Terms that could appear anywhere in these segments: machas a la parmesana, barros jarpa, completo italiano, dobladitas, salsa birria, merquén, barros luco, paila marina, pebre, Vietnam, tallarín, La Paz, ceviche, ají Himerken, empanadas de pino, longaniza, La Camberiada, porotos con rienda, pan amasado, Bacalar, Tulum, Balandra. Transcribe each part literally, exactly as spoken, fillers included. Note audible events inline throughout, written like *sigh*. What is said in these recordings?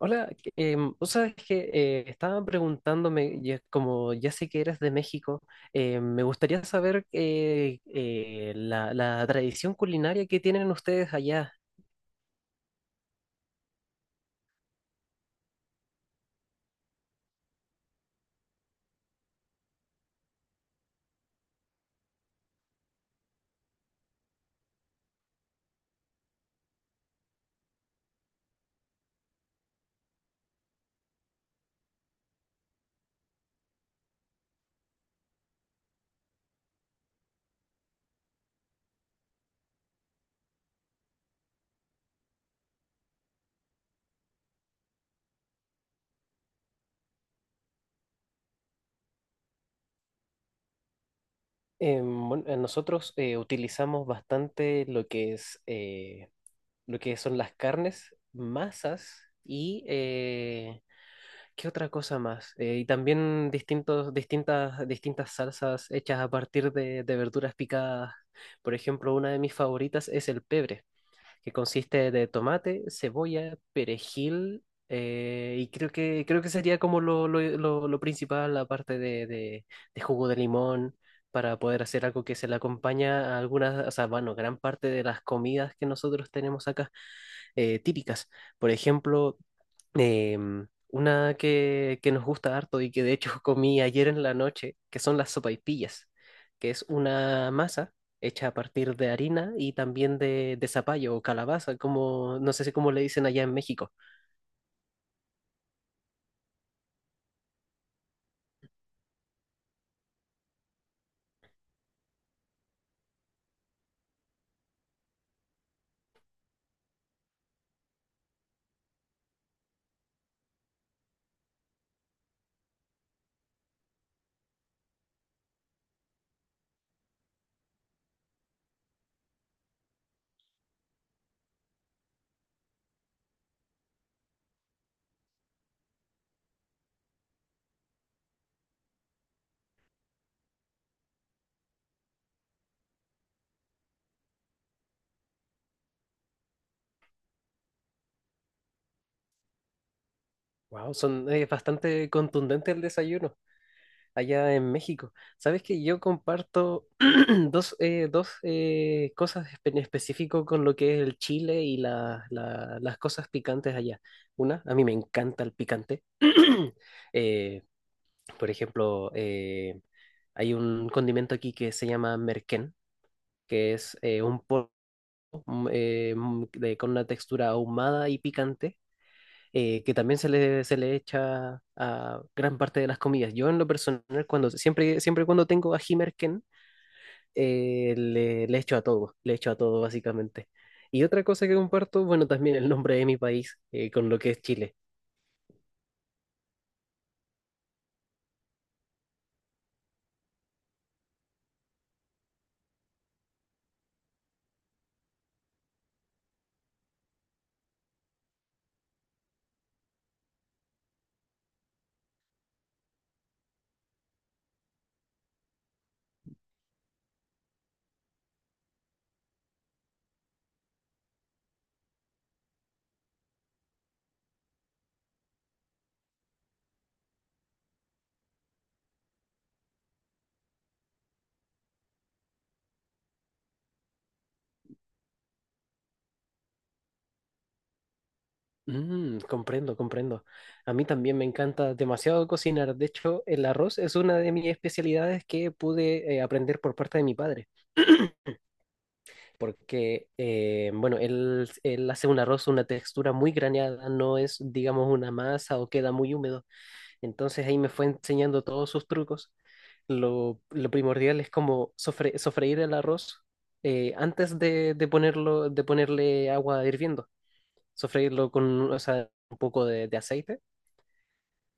Hola. Em, vos sabes que eh, estaba preguntándome, ya- como ya sé que eres de México, eh, me gustaría saber eh, eh, la, la tradición culinaria que tienen ustedes allá. Em, bueno, eh, nosotros eh, utilizamos bastante lo que es eh, lo que son las carnes, masas y eh, ¿Qué otra cosa más? Eh, y también distintos, distintas, distintas salsas hechas a partir de, de verduras picadas. Por ejemplo, una de mis favoritas es el pebre, que consiste de tomate, cebolla, perejil, eh, y creo que, creo que sería como lo, lo- lo- lo principal, aparte de, de, de jugo de limón, para poder hacer algo que se le acompaña a algunas, o sea, bueno, gran parte de las comidas que nosotros tenemos acá, eh, típicas. Por ejemplo, Em, una que, que nos gusta harto y que de hecho *laughs* comí ayer en la noche, que son las sopaipillas, que es una masa hecha a partir de harina y también de, de zapallo o calabaza, como no sé si cómo le dicen allá en México. Wow, son, es bastante contundente el desayuno allá en México. Sabes que yo comparto *clears throat* dos, eh, dos eh, cosas espe- en específico con lo que es el chile y la- la- las cosas picantes allá. Una, a mí me encanta el picante. *clears throat* Eh, por ejemplo, eh, hay un condimento aquí que se llama merquén, que es eh, un polvo mm, eh, mm, de- con una textura ahumada y picante, eh, que también se le, se le echa a gran parte de las comidas. Yo en lo personal, cuando, siempre, siempre cuando tengo ají Himerken, eh, le, le echo a todo, le echo a todo básicamente. Y otra cosa que comparto, bueno, también el nombre de mi país eh, con lo que es Chile. Mm, comprendo, comprendo. A mí también me encanta demasiado cocinar. De hecho, el arroz es una de mis especialidades que pude eh, aprender por parte de mi padre. Porque, eh, bueno, él, él hace un arroz, una textura muy graneada, no es, digamos, una masa o queda muy húmedo. Entonces ahí me fue enseñando todos sus trucos. Lo, lo primordial es como sofre- sofreír el arroz eh, antes de, de ponerlo, de ponerle agua hirviendo. Sofreírlo con, o sea, un poco de, de aceite.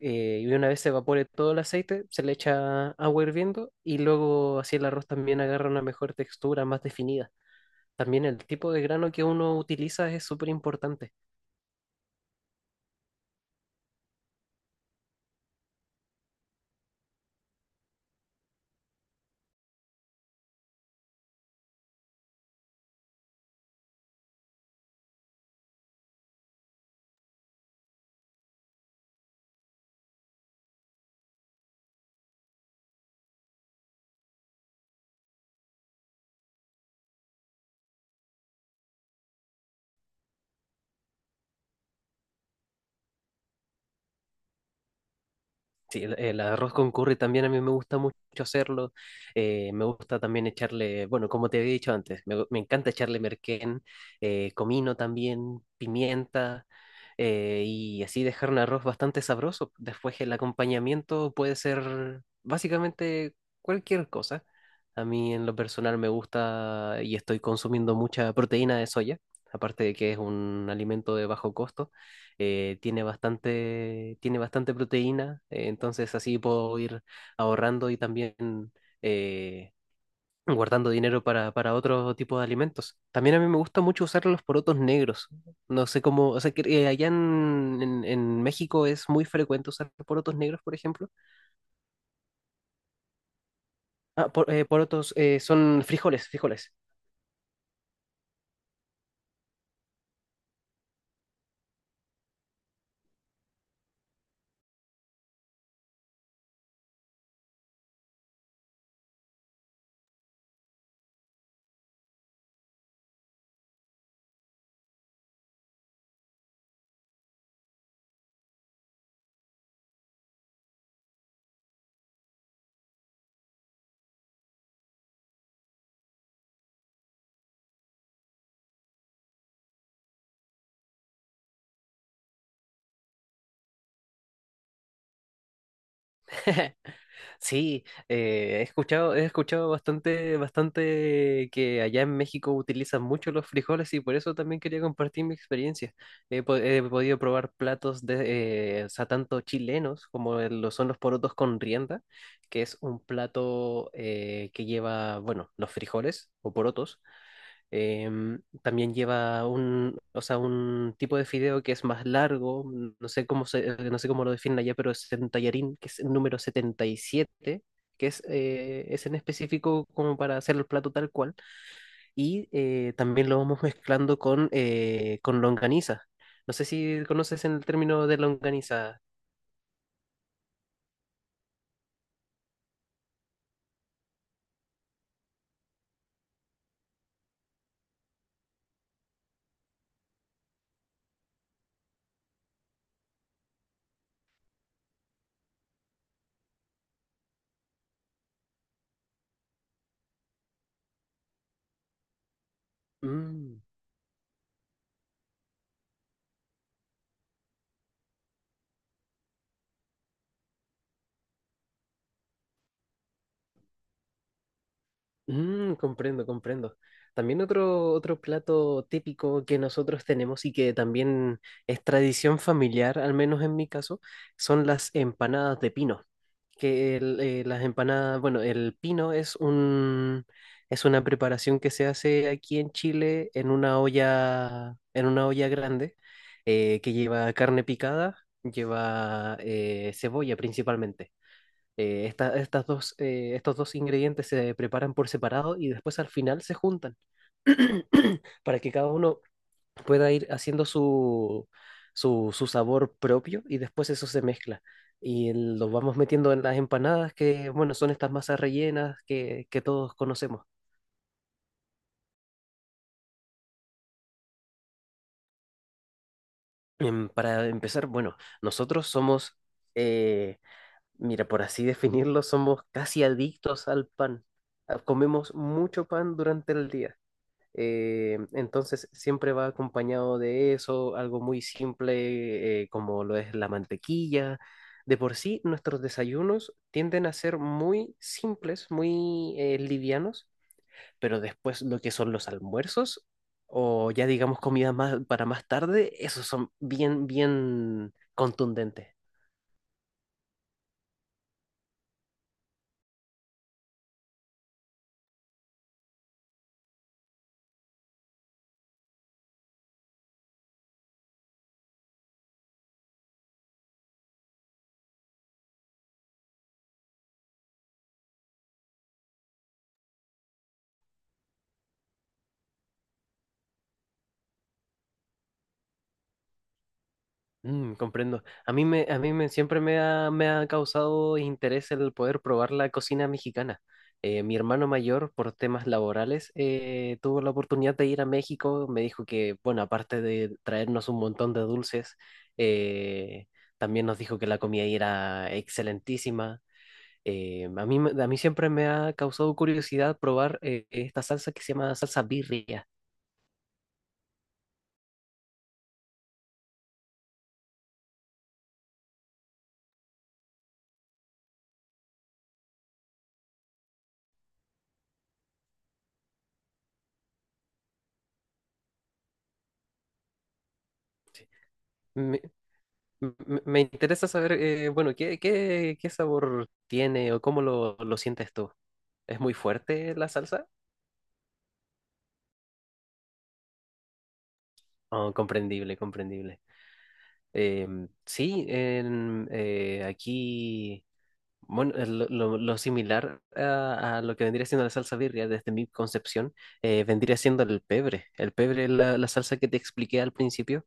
eh, Y una vez se evapore todo el aceite, se le echa agua hirviendo y luego así el arroz también agarra una mejor textura, más definida. También el tipo de grano que uno utiliza es súper importante. Sí, el, el arroz con curry también a mí me gusta mucho hacerlo. Eh, me gusta también echarle, bueno, como te había dicho antes, me, gu- me encanta echarle merquén, eh, comino también, pimienta, eh, y así dejar un arroz bastante sabroso. Después el acompañamiento puede ser básicamente cualquier cosa. A mí en lo personal me gusta y estoy consumiendo mucha proteína de soya, aparte de que es un alimento de bajo costo. Eh, tiene bastante, tiene bastante proteína, eh, entonces así puedo ir ahorrando y también eh, guardando dinero para, para otro tipo de alimentos. También a mí me gusta mucho usar los porotos negros. No sé cómo, o sea, que eh, allá en, en- en México es muy frecuente usar porotos negros, por ejemplo. Ah, por- eh, porotos eh, son frijoles, frijoles. *laughs* Sí, eh, he escuchado, he escuchado bastante, bastante que allá en México utilizan mucho los frijoles y por eso también quería compartir mi experiencia. He, po- he podido probar platos de, eh, o sea, tanto chilenos como el- lo son los porotos con rienda, que es un plato eh, que lleva, bueno, los frijoles o porotos. Em, también lleva un, o sea, un tipo de fideo que es más largo, mm, no sé cómo se, eh, no sé cómo lo definen allá, pero es un tallarín, que es, el número setenta y siete que es, eh, es en específico como para hacer el plato tal cual. Y eh, también lo vamos mezclando con, eh, con longaniza. No sé si conoces el término de longaniza. Mm. Mm, comprendo, comprendo. También otro, otro plato típico que nosotros tenemos y que también es tradición familiar, al menos en mi caso, son las empanadas de pino. Que el, eh, las empanadas, bueno, el pino es un, es una preparación que se hace aquí en Chile en una olla, en una olla grande, eh, que lleva carne picada, lleva eh, cebolla principalmente. Eh, esta- estas dos, eh, estos dos ingredientes se preparan por separado y después al final se juntan *clears throat* para que cada uno pueda ir haciendo su, su, su sabor propio y después eso se mezcla. Y lo vamos metiendo en las empanadas que, bueno, son estas masas rellenas que, que todos conocemos. Em, para empezar, bueno, nosotros somos, eh, mira, por así definirlo, somos casi adictos al pan. Ah, comemos mucho pan durante el día. Eh, entonces siempre va acompañado de eso, algo muy simple eh, como lo es la mantequilla. De por sí, nuestros desayunos tienden a ser muy simples, muy eh, livianos, pero después lo que son los almuerzos o ya digamos comida más para más tarde, esos son bien, bien contundentes. Mm, comprendo. A mí me, a mí me siempre me ha, me ha causado interés el poder probar la cocina mexicana. Eh, mi hermano mayor, por temas laborales, eh, tuvo la oportunidad de ir a México. Me dijo que, bueno, aparte de traernos un montón de dulces, eh, también nos dijo que la comida ahí era excelentísima. Eh, a mí, me- a mí siempre me ha causado curiosidad probar eh, esta salsa que se llama salsa birria. M- m- Me interesa saber, eh, bueno, ¿qué, qué, qué sabor tiene o cómo lo, lo sientes tú? ¿Es muy fuerte la salsa? Oh, comprendible, comprendible. Em, sí, en, eh, aquí, bueno, eh, lo, lo- lo similar a, a lo que vendría siendo la salsa birria, desde mi concepción, eh, vendría siendo el pebre. El pebre es la, la salsa que te expliqué al principio.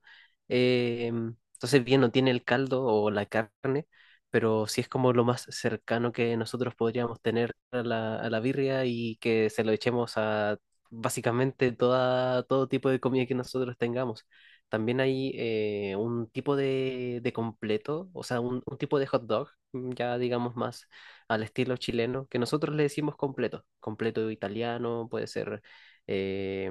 Eh, entonces, bien, no tiene el caldo o la carne, pero sí es como lo más cercano que nosotros podríamos tener a la, a la birria y que se lo echemos a básicamente toda, todo tipo de comida que nosotros tengamos. También hay eh, un tipo de, de completo, o sea, un, un tipo de hot dog, mm, ya digamos más al estilo chileno, que nosotros le decimos completo. Completo italiano, puede ser. eh,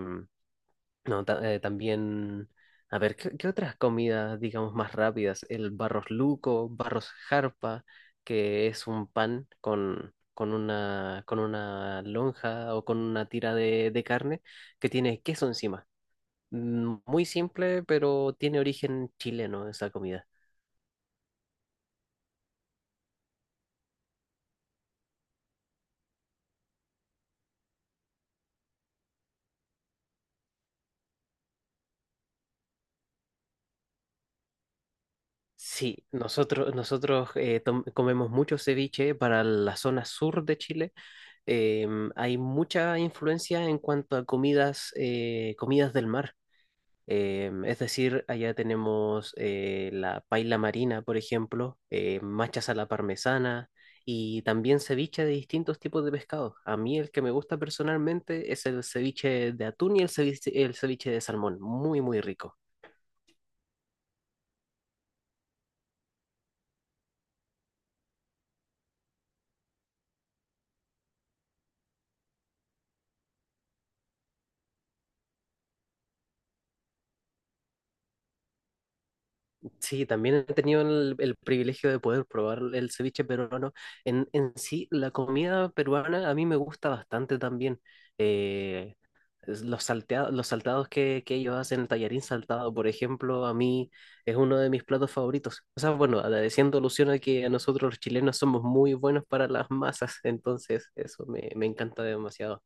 no, ta- eh, también. A ver, ¿qué, qué otras comidas, digamos, más rápidas? El barros luco, barros jarpa, que es un pan con, con una, con una lonja o con una tira de de carne que tiene queso encima. Mm, Muy simple, pero tiene origen chileno esa comida. Sí, nosotros, nosotros eh, tom- comemos mucho ceviche para la zona sur de Chile. Em, hay mucha influencia en cuanto a comidas, eh, comidas del mar. Em, es decir, allá tenemos eh, la paila marina, por ejemplo, eh, machas a la parmesana y también ceviche de distintos tipos de pescado. A mí el que me gusta personalmente es el ceviche de atún y el ceviche, el ceviche de salmón. Muy, muy rico. Sí, también he tenido el, el privilegio de poder probar el ceviche peruano. En, en sí, la comida peruana a mí me gusta bastante también. Eh, es Los, salteados los saltados que, que ellos hacen, el tallarín saltado, por ejemplo, a mí es uno de mis platos favoritos. O sea, bueno, agradeciendo alusión a que a nosotros los chilenos somos muy buenos para las masas, *laughs* entonces eso me, me encanta demasiado.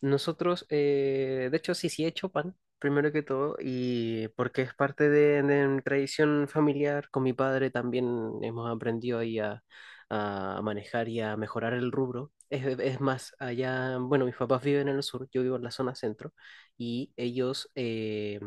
Nosotros, eh, de hecho, sí, sí he hecho pan, primero que todo, y porque es parte de, de mi tradición familiar, con mi padre también hemos aprendido ahí a, a manejar y a mejorar el rubro. Es, es más, allá, bueno, mis papás viven en el sur, yo vivo en la zona centro, y ellos eh,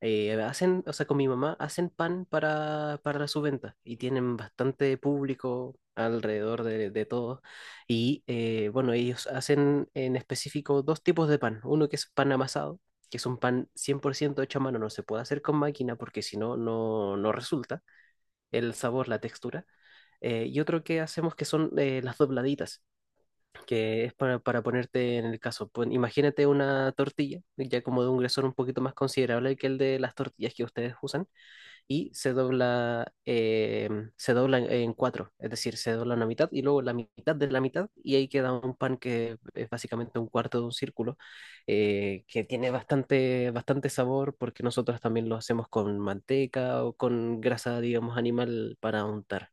eh, hacen, o sea, con mi mamá, hacen pan para, para su venta, y tienen bastante público alrededor de, de todos y eh, bueno, ellos hacen en específico dos tipos de pan. Uno que es pan amasado, que es un pan cien por ciento hecho a mano, no se puede hacer con máquina porque si no, no, no resulta el sabor, la textura. Eh, y otro que hacemos que son eh, las dobladitas, que es para, para ponerte en el caso. Pon- imagínate una tortilla, ya como de un grosor un poquito más considerable que el de las tortillas que ustedes usan, y se dobla, eh, se dobla en, en cuatro, es decir, se dobla una mitad y luego la mitad de la mitad y ahí queda un pan que es básicamente un cuarto de un círculo, eh, que tiene bastante, bastante sabor porque nosotros también lo hacemos con manteca o con grasa, digamos, animal para untar.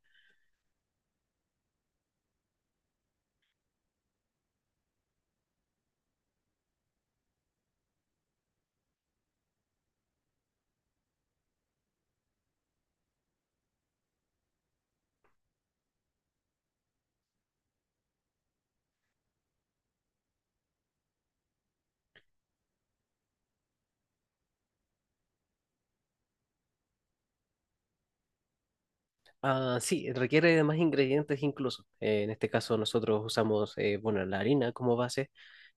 Ah, sí, requiere de más ingredientes incluso. Eh, en este caso nosotros usamos, eh, bueno, la harina como base,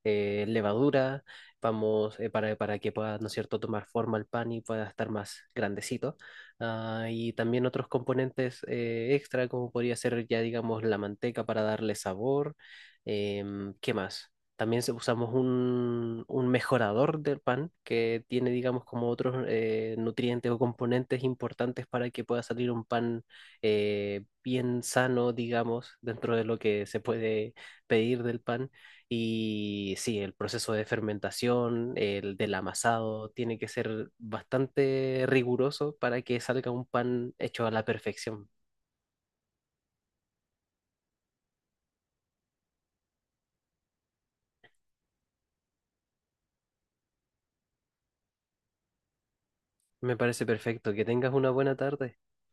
eh, levadura, vamos, eh, para, para que pueda, ¿no es cierto?, tomar forma el pan y pueda estar más grandecito. Ah, y también otros componentes eh, extra, como podría ser ya, digamos, la manteca para darle sabor. Em, ¿qué más? También se- usamos un, un mejorador del pan que tiene, digamos, como otros eh, nutrientes o componentes importantes para que pueda salir un pan eh, bien sano, digamos, dentro de lo que se puede pedir del pan. Y sí, el proceso de fermentación, el del amasado, tiene que ser bastante riguroso para que salga un pan hecho a la perfección. Me parece perfecto. Que tengas una buena tarde.